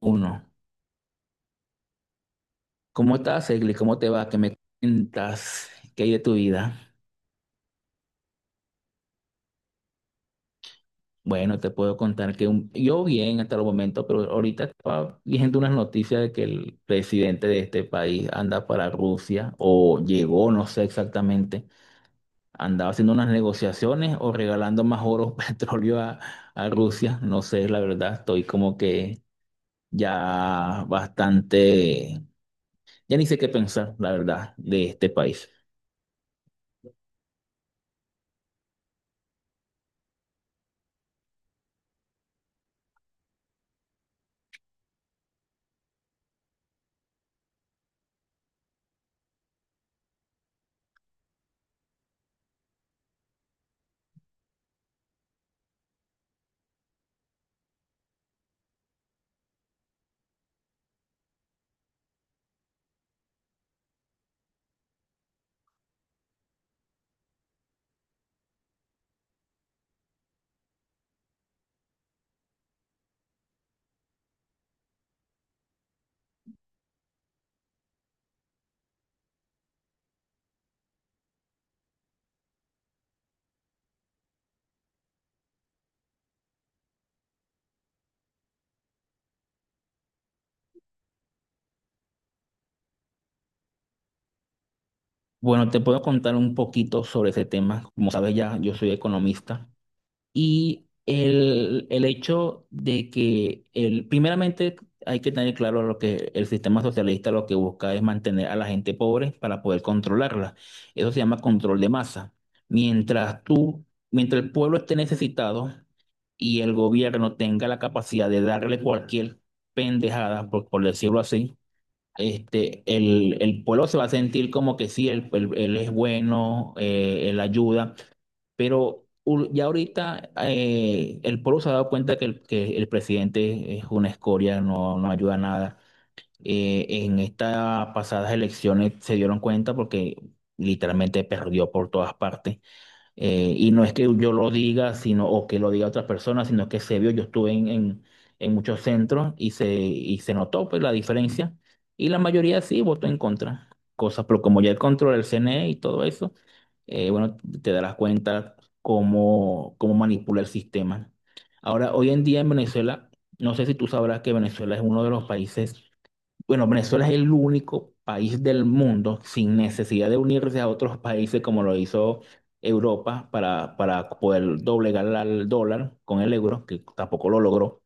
Uno. ¿Cómo estás, Egli? ¿Cómo te va? ¿Qué me cuentas? ¿Qué hay de tu vida? Bueno, te puedo contar que yo bien hasta el momento, pero ahorita estaba viendo unas noticias de que el presidente de este país anda para Rusia o llegó, no sé exactamente, andaba haciendo unas negociaciones o regalando más oro, petróleo a Rusia. No sé, la verdad, estoy como que ya bastante, ya ni sé qué pensar, la verdad, de este país. Bueno, te puedo contar un poquito sobre ese tema. Como sabes ya, yo soy economista y el hecho de que el, primeramente hay que tener claro lo que el sistema socialista lo que busca es mantener a la gente pobre para poder controlarla. Eso se llama control de masa. Mientras tú, mientras el pueblo esté necesitado y el gobierno tenga la capacidad de darle cualquier pendejada, por decirlo así, este, el pueblo se va a sentir como que sí, él, él es bueno, él ayuda, pero ya ahorita el pueblo se ha dado cuenta que el presidente es una escoria, no, no ayuda a nada. En estas pasadas elecciones se dieron cuenta porque literalmente perdió por todas partes. Y no es que yo lo diga, sino, o que lo diga otra persona, sino que se vio, yo estuve en muchos centros y se notó pues, la diferencia. Y la mayoría sí votó en contra. Cosas, pero como ya el control del CNE y todo eso, bueno, te darás cuenta cómo, cómo manipula el sistema. Ahora, hoy en día en Venezuela, no sé si tú sabrás que Venezuela es uno de los países bueno, Venezuela es el único país del mundo sin necesidad de unirse a otros países como lo hizo Europa para poder doblegar al dólar con el euro, que tampoco lo logró.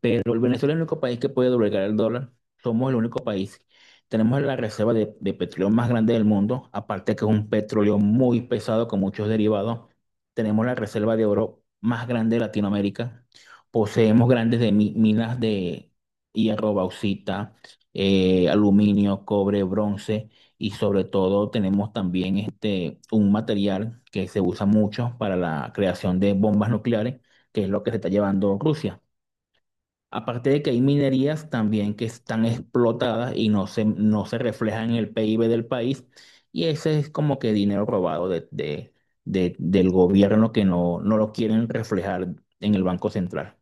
Pero el Venezuela es el único país que puede doblegar el dólar. Somos el único país. Tenemos la reserva de petróleo más grande del mundo, aparte que es un petróleo muy pesado con muchos derivados. Tenemos la reserva de oro más grande de Latinoamérica. Poseemos grandes de minas de hierro, bauxita, aluminio, cobre, bronce y sobre todo tenemos también este, un material que se usa mucho para la creación de bombas nucleares, que es lo que se está llevando Rusia. Aparte de que hay minerías también que están explotadas y no se reflejan en el PIB del país, y ese es como que dinero robado del gobierno que no, no lo quieren reflejar en el Banco Central.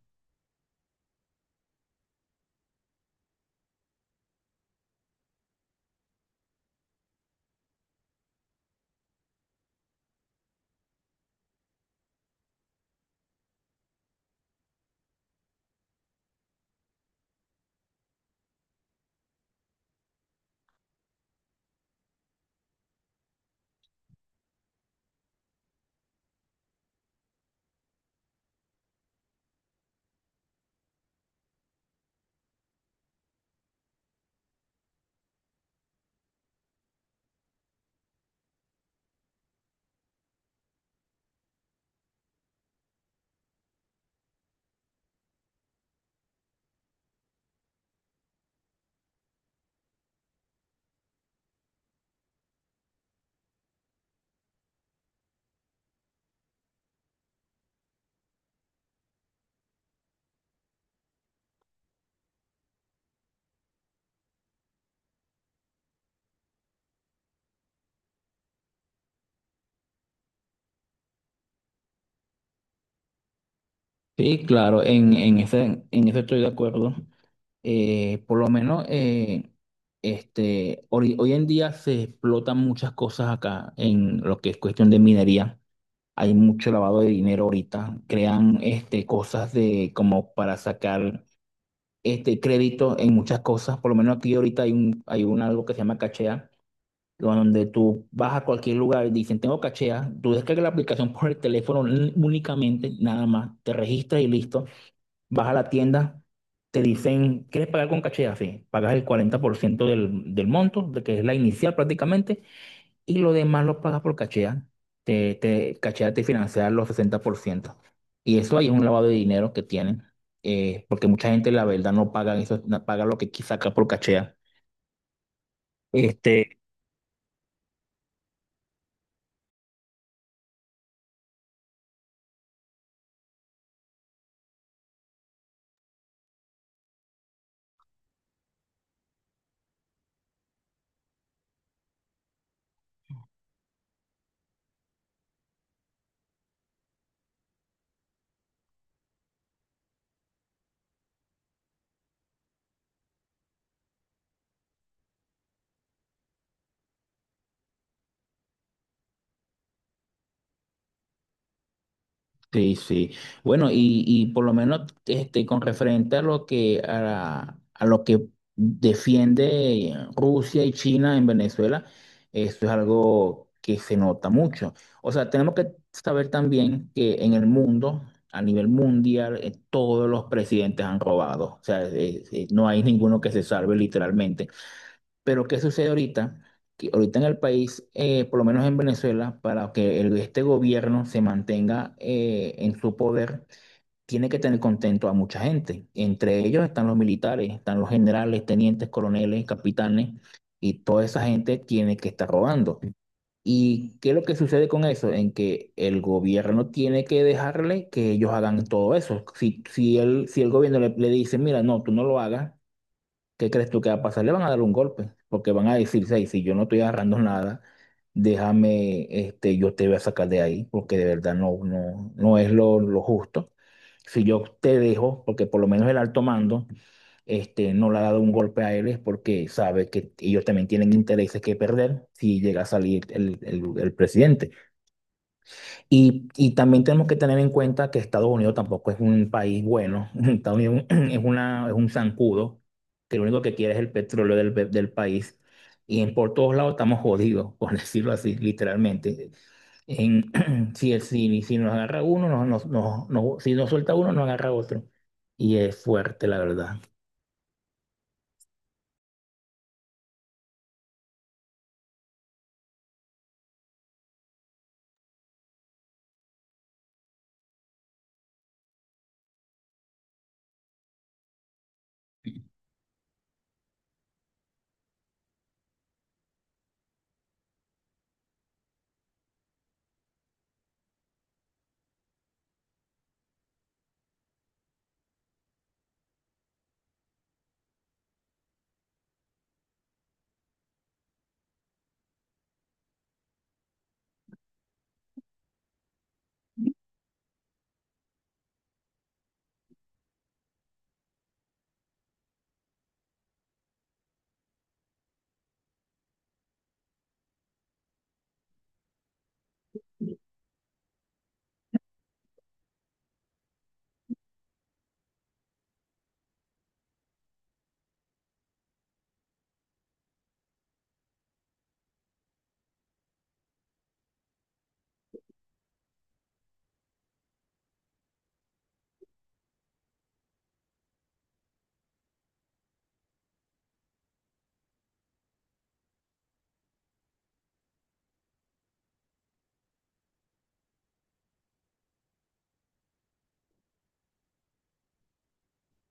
Sí, claro, en eso estoy de acuerdo. Por lo menos este, hoy, hoy en día se explotan muchas cosas acá en lo que es cuestión de minería. Hay mucho lavado de dinero ahorita. Crean este, cosas de como para sacar este crédito en muchas cosas. Por lo menos aquí ahorita hay un algo que se llama Cachea, donde tú vas a cualquier lugar y dicen, tengo Cachea. Tú descargas la aplicación por el teléfono únicamente, nada más. Te registras y listo. Vas a la tienda. Te dicen, ¿quieres pagar con Cachea? Sí, pagas el 40% del monto, de que es la inicial prácticamente, y lo demás lo pagas por Cachea. Cachea te financia los sesenta por ciento. Y eso ahí es un lavado de dinero que tienen, porque mucha gente, la verdad, no paga eso, no paga lo que saca por Cachea. Este, sí, sí. Bueno, y por lo menos este, con referente a lo que a, la- a lo que defiende Rusia y China en Venezuela, eso es algo que se nota mucho. O sea, tenemos que saber también que en el mundo, a nivel mundial, todos los presidentes han robado. O sea, no hay ninguno que se salve literalmente. Pero ¿qué sucede ahorita? Que ahorita en el país, por lo menos en Venezuela, para que este gobierno se mantenga en su poder, tiene que tener contento a mucha gente. Entre ellos están los militares, están los generales, tenientes, coroneles, capitanes, y toda esa gente tiene que estar robando. ¿Y qué es lo que sucede con eso? En que el gobierno tiene que dejarle que ellos hagan todo eso. Si el gobierno le dice, mira, no, tú no lo hagas. ¿Qué crees tú que va a pasar? Le van a dar un golpe, porque van a decir, "Ey, si yo no estoy agarrando nada, déjame, este, yo te voy a sacar de ahí, porque de verdad no, no, no es lo justo. Si yo te dejo, porque por lo menos el alto mando, este, no le ha dado un golpe a él, es porque sabe que ellos también tienen intereses que perder si llega a salir el el presidente. Y también tenemos que tener en cuenta que Estados Unidos tampoco es un país bueno. Estados Unidos es una, es un zancudo que lo único que quiere es el petróleo del país. Y en, por todos lados estamos jodidos, por decirlo así, literalmente. En, si, si, si nos agarra uno, si nos suelta uno, nos agarra otro. Y es fuerte, la verdad.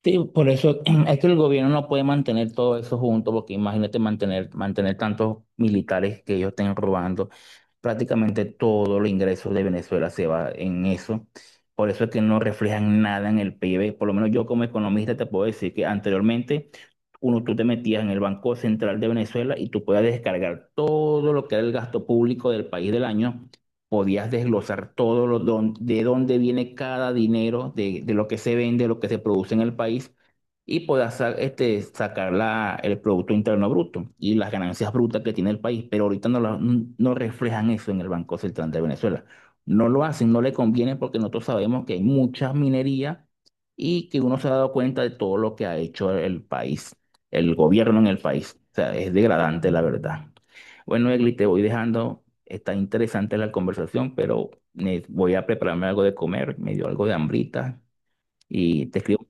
Sí, por eso es que el gobierno no puede mantener todo eso junto, porque imagínate mantener tantos militares que ellos estén robando prácticamente todo los ingresos de Venezuela se va en eso. Por eso es que no reflejan nada en el PIB. Por lo menos yo como economista te puedo decir que anteriormente uno tú te metías en el Banco Central de Venezuela y tú podías descargar todo lo que era el gasto público del país del año. Podías desglosar todo de dónde viene cada dinero, de lo que se vende, lo que se produce en el país y este, sacar el Producto Interno Bruto y las ganancias brutas que tiene el país, pero ahorita no, no reflejan eso en el Banco Central de Venezuela. No lo hacen, no le conviene porque nosotros sabemos que hay mucha minería y que uno se ha dado cuenta de todo lo que ha hecho el país, el gobierno en el país. O sea, es degradante la verdad. Bueno, Egli, te voy dejando. Está interesante la conversación, pero voy a prepararme algo de comer. Me dio algo de hambrita y te escribo.